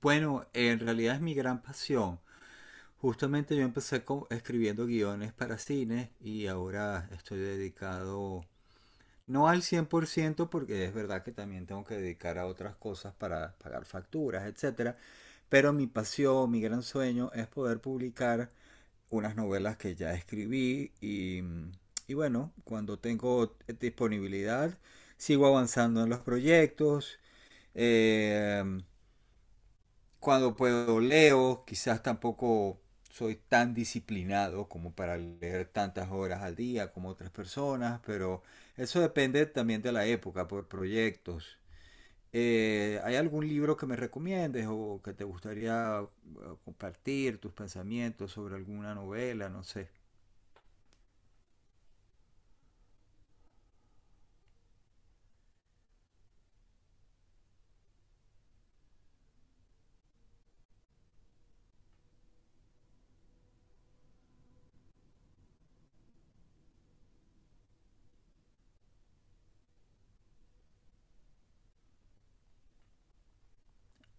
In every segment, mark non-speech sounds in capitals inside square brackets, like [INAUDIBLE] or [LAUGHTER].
Bueno, en realidad es mi gran pasión. Justamente yo empecé escribiendo guiones para cine y ahora estoy dedicado, no al 100% porque es verdad que también tengo que dedicar a otras cosas para pagar facturas, etcétera. Pero mi pasión, mi gran sueño es poder publicar unas novelas que ya escribí y bueno, cuando tengo disponibilidad, sigo avanzando en los proyectos. Eh, Cuando puedo leo, quizás tampoco soy tan disciplinado como para leer tantas horas al día como otras personas, pero eso depende también de la época, por proyectos. ¿Hay algún libro que me recomiendes o que te gustaría compartir tus pensamientos sobre alguna novela? No sé.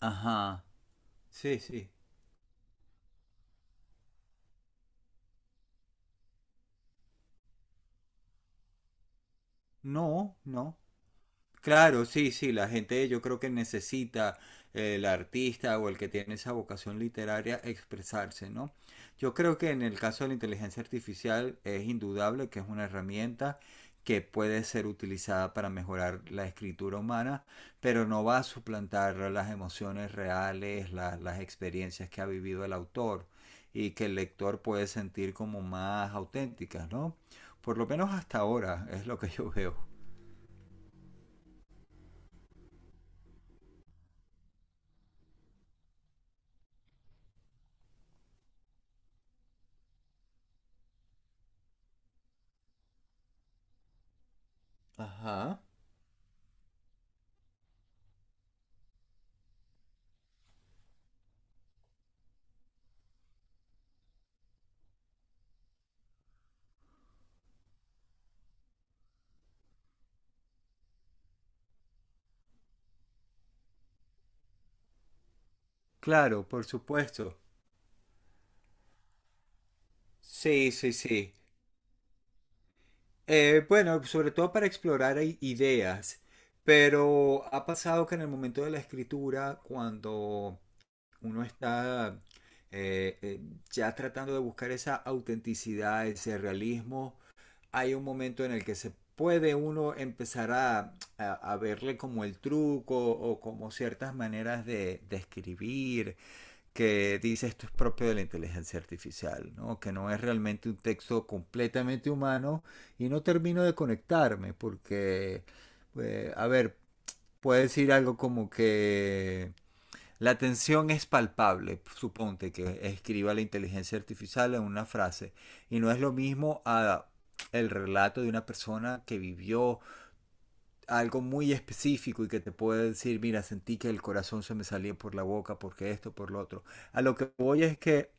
Ajá. Sí, sí. No, no. Claro, sí, sí, la gente yo creo que necesita el artista o el que tiene esa vocación literaria expresarse, ¿no? Yo creo que en el caso de la inteligencia artificial es indudable que es una herramienta que puede ser utilizada para mejorar la escritura humana, pero no va a suplantar las emociones reales, las experiencias que ha vivido el autor y que el lector puede sentir como más auténticas, ¿no? Por lo menos hasta ahora es lo que yo veo. Ajá. Claro, por supuesto. Sí, sí, sí. Bueno, sobre todo para explorar ideas, pero ha pasado que en el momento de la escritura, cuando uno está eh, eh, ya tratando de buscar esa autenticidad, ese realismo, hay un momento en el que se puede uno empezar a verle como el truco o como ciertas maneras de escribir que dice esto es propio de la inteligencia artificial, ¿no? Que no es realmente un texto completamente humano y no termino de conectarme porque, a ver, puede decir algo como que la tensión es palpable, suponte que escriba la inteligencia artificial en una frase y no es lo mismo a el relato de una persona que vivió algo muy específico y que te puede decir, mira, sentí que el corazón se me salía por la boca porque esto, por lo otro. A lo que voy es que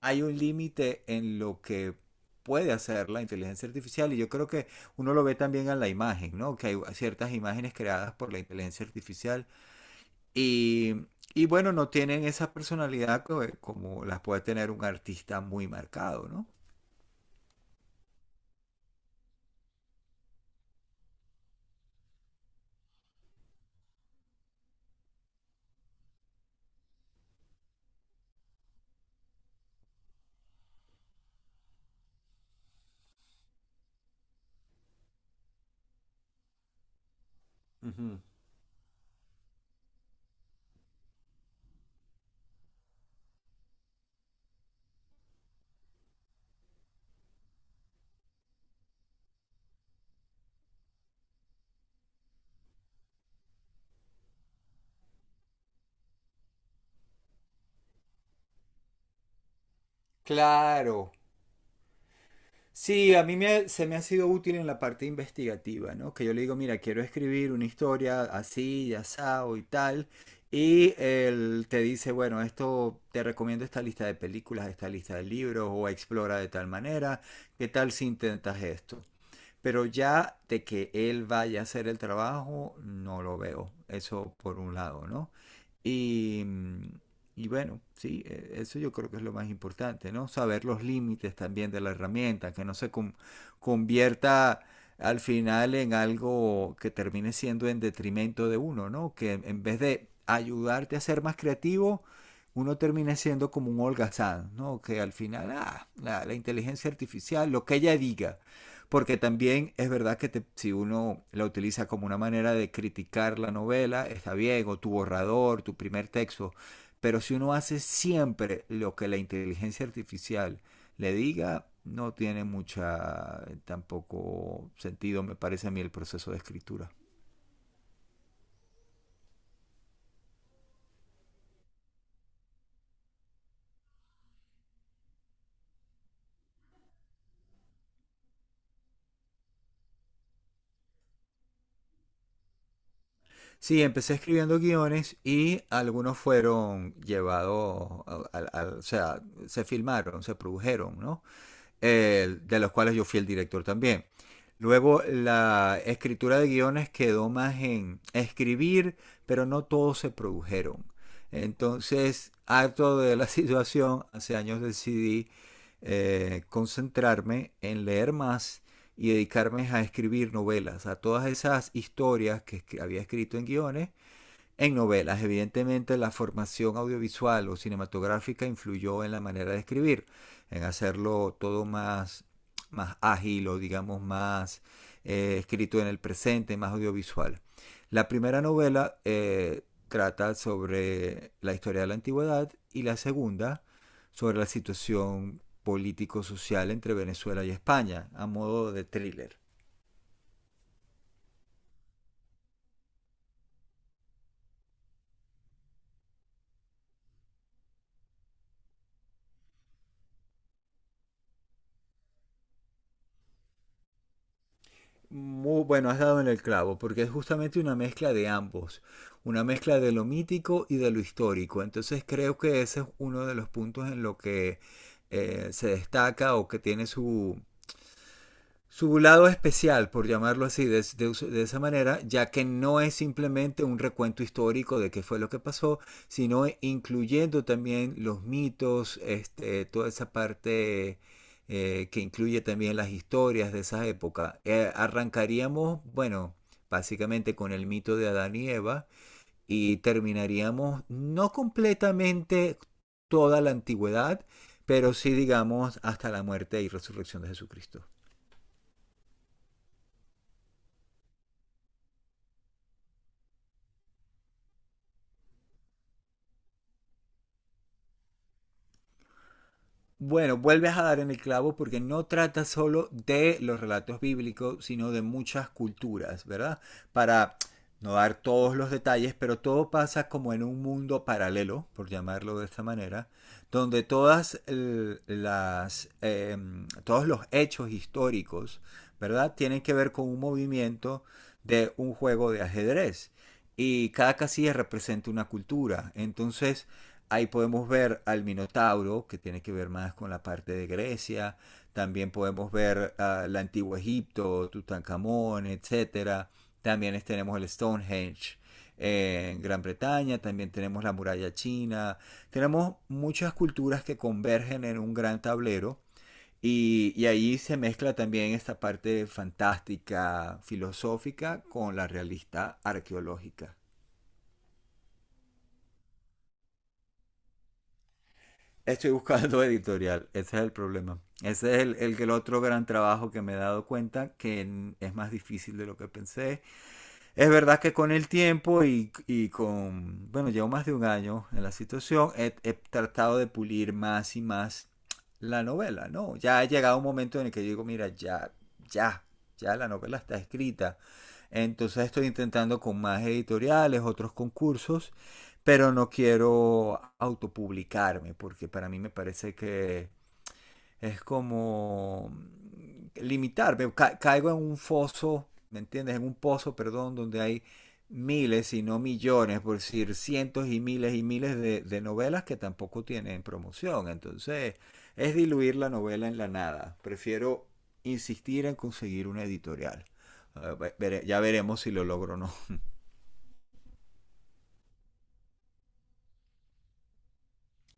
hay un límite en lo que puede hacer la inteligencia artificial y yo creo que uno lo ve también en la imagen, ¿no? Que hay ciertas imágenes creadas por la inteligencia artificial y, y bueno, no tienen esa personalidad como, como las puede tener un artista muy marcado, ¿no? Ujú. Claro, sí, a mí me, se me ha sido útil en la parte investigativa, ¿no? Que yo le digo, mira, quiero escribir una historia así, ya asado y tal. Y él te dice, bueno, esto te recomiendo esta lista de películas, esta lista de libros, o explora de tal manera, ¿qué tal si intentas esto? Pero ya de que él vaya a hacer el trabajo, no lo veo. Eso por un lado, ¿no? Y, y bueno, sí, eso yo creo que es lo más importante, ¿no? Saber los límites también de la herramienta, que no se convierta al final en algo que termine siendo en detrimento de uno, ¿no? Que en vez de ayudarte a ser más creativo, uno termina siendo como un holgazán, ¿no? Que al final, ah, la inteligencia artificial, lo que ella diga, porque también es verdad que te, si uno la utiliza como una manera de criticar la novela, está bien, o tu borrador, tu primer texto, pero si uno hace siempre lo que la inteligencia artificial le diga, no tiene mucha tampoco sentido, me parece a mí, el proceso de escritura. Sí, empecé escribiendo guiones y algunos fueron llevados, o sea, se filmaron, se produjeron, ¿no? De los cuales yo fui el director también. Luego la escritura de guiones quedó más en escribir, pero no todos se produjeron. Entonces, harto de la [LAUGHS] situación, hace años decidí concentrarme en leer más y dedicarme a escribir novelas, a todas esas historias que había escrito en guiones, en novelas. Evidentemente la formación audiovisual o cinematográfica influyó en la manera de escribir, en hacerlo todo más, más ágil o digamos más escrito en el presente, más audiovisual. La primera novela trata sobre la historia de la antigüedad y la segunda sobre la situación político-social entre Venezuela y España, a modo de thriller. Muy bueno, has dado en el clavo, porque es justamente una mezcla de ambos, una mezcla de lo mítico y de lo histórico. Entonces creo que ese es uno de los puntos en lo que se destaca o que tiene su, su lado especial, por llamarlo así, de esa manera, ya que no es simplemente un recuento histórico de qué fue lo que pasó, sino incluyendo también los mitos, este, toda esa parte que incluye también las historias de esa época. Arrancaríamos, bueno, básicamente con el mito de Adán y Eva y terminaríamos no completamente toda la antigüedad, pero sí digamos hasta la muerte y resurrección de Jesucristo. Bueno, vuelves a dar en el clavo porque no trata solo de los relatos bíblicos, sino de muchas culturas, ¿verdad? Para no dar todos los detalles, pero todo pasa como en un mundo paralelo, por llamarlo de esta manera, donde todas las, todos los hechos históricos, ¿verdad? Tienen que ver con un movimiento de un juego de ajedrez y cada casilla representa una cultura. Entonces, ahí podemos ver al Minotauro, que tiene que ver más con la parte de Grecia. También podemos ver el antiguo Egipto, Tutankamón, etcétera. También tenemos el Stonehenge en Gran Bretaña, también tenemos la muralla china. Tenemos muchas culturas que convergen en un gran tablero y, ahí se mezcla también esta parte fantástica, filosófica, con la realista arqueológica. Estoy buscando [LAUGHS] editorial, ese es el problema. Ese es el otro gran trabajo que me he dado cuenta que es más difícil de lo que pensé. Es verdad que con el tiempo y con, bueno, llevo más de un año en la situación, he tratado de pulir más y más la novela, ¿no? Ya ha llegado un momento en el que digo, mira, ya, ya, ya la novela está escrita. Entonces estoy intentando con más editoriales, otros concursos, pero no quiero autopublicarme porque para mí me parece que es como limitarme, ca caigo en un foso, ¿me entiendes? En un pozo, perdón, donde hay miles y no millones, por decir cientos y miles de novelas que tampoco tienen promoción. Entonces, es diluir la novela en la nada. Prefiero insistir en conseguir una editorial. Ya veremos si lo logro o no.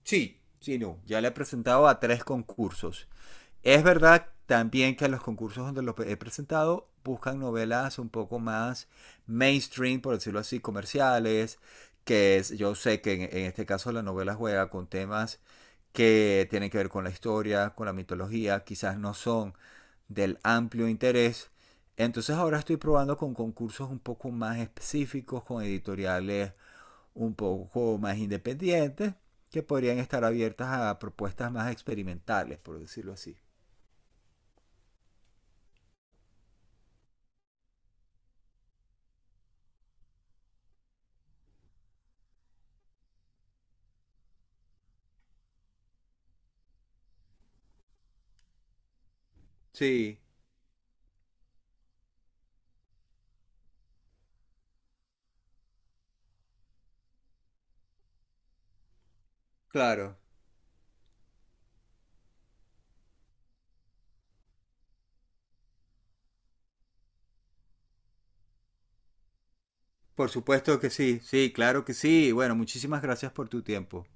Sí. Sí, no. Ya le he presentado a 3 concursos. Es verdad también que los concursos donde lo he presentado buscan novelas un poco más mainstream, por decirlo así, comerciales, que es, yo sé que en este caso la novela juega con temas que tienen que ver con la historia, con la mitología, quizás no son del amplio interés. Entonces ahora estoy probando con concursos un poco más específicos, con editoriales un poco más independientes, que podrían estar abiertas a propuestas más experimentales, por decirlo así. Sí, claro. Por supuesto que sí, sí, claro que sí. Bueno, muchísimas gracias por tu tiempo.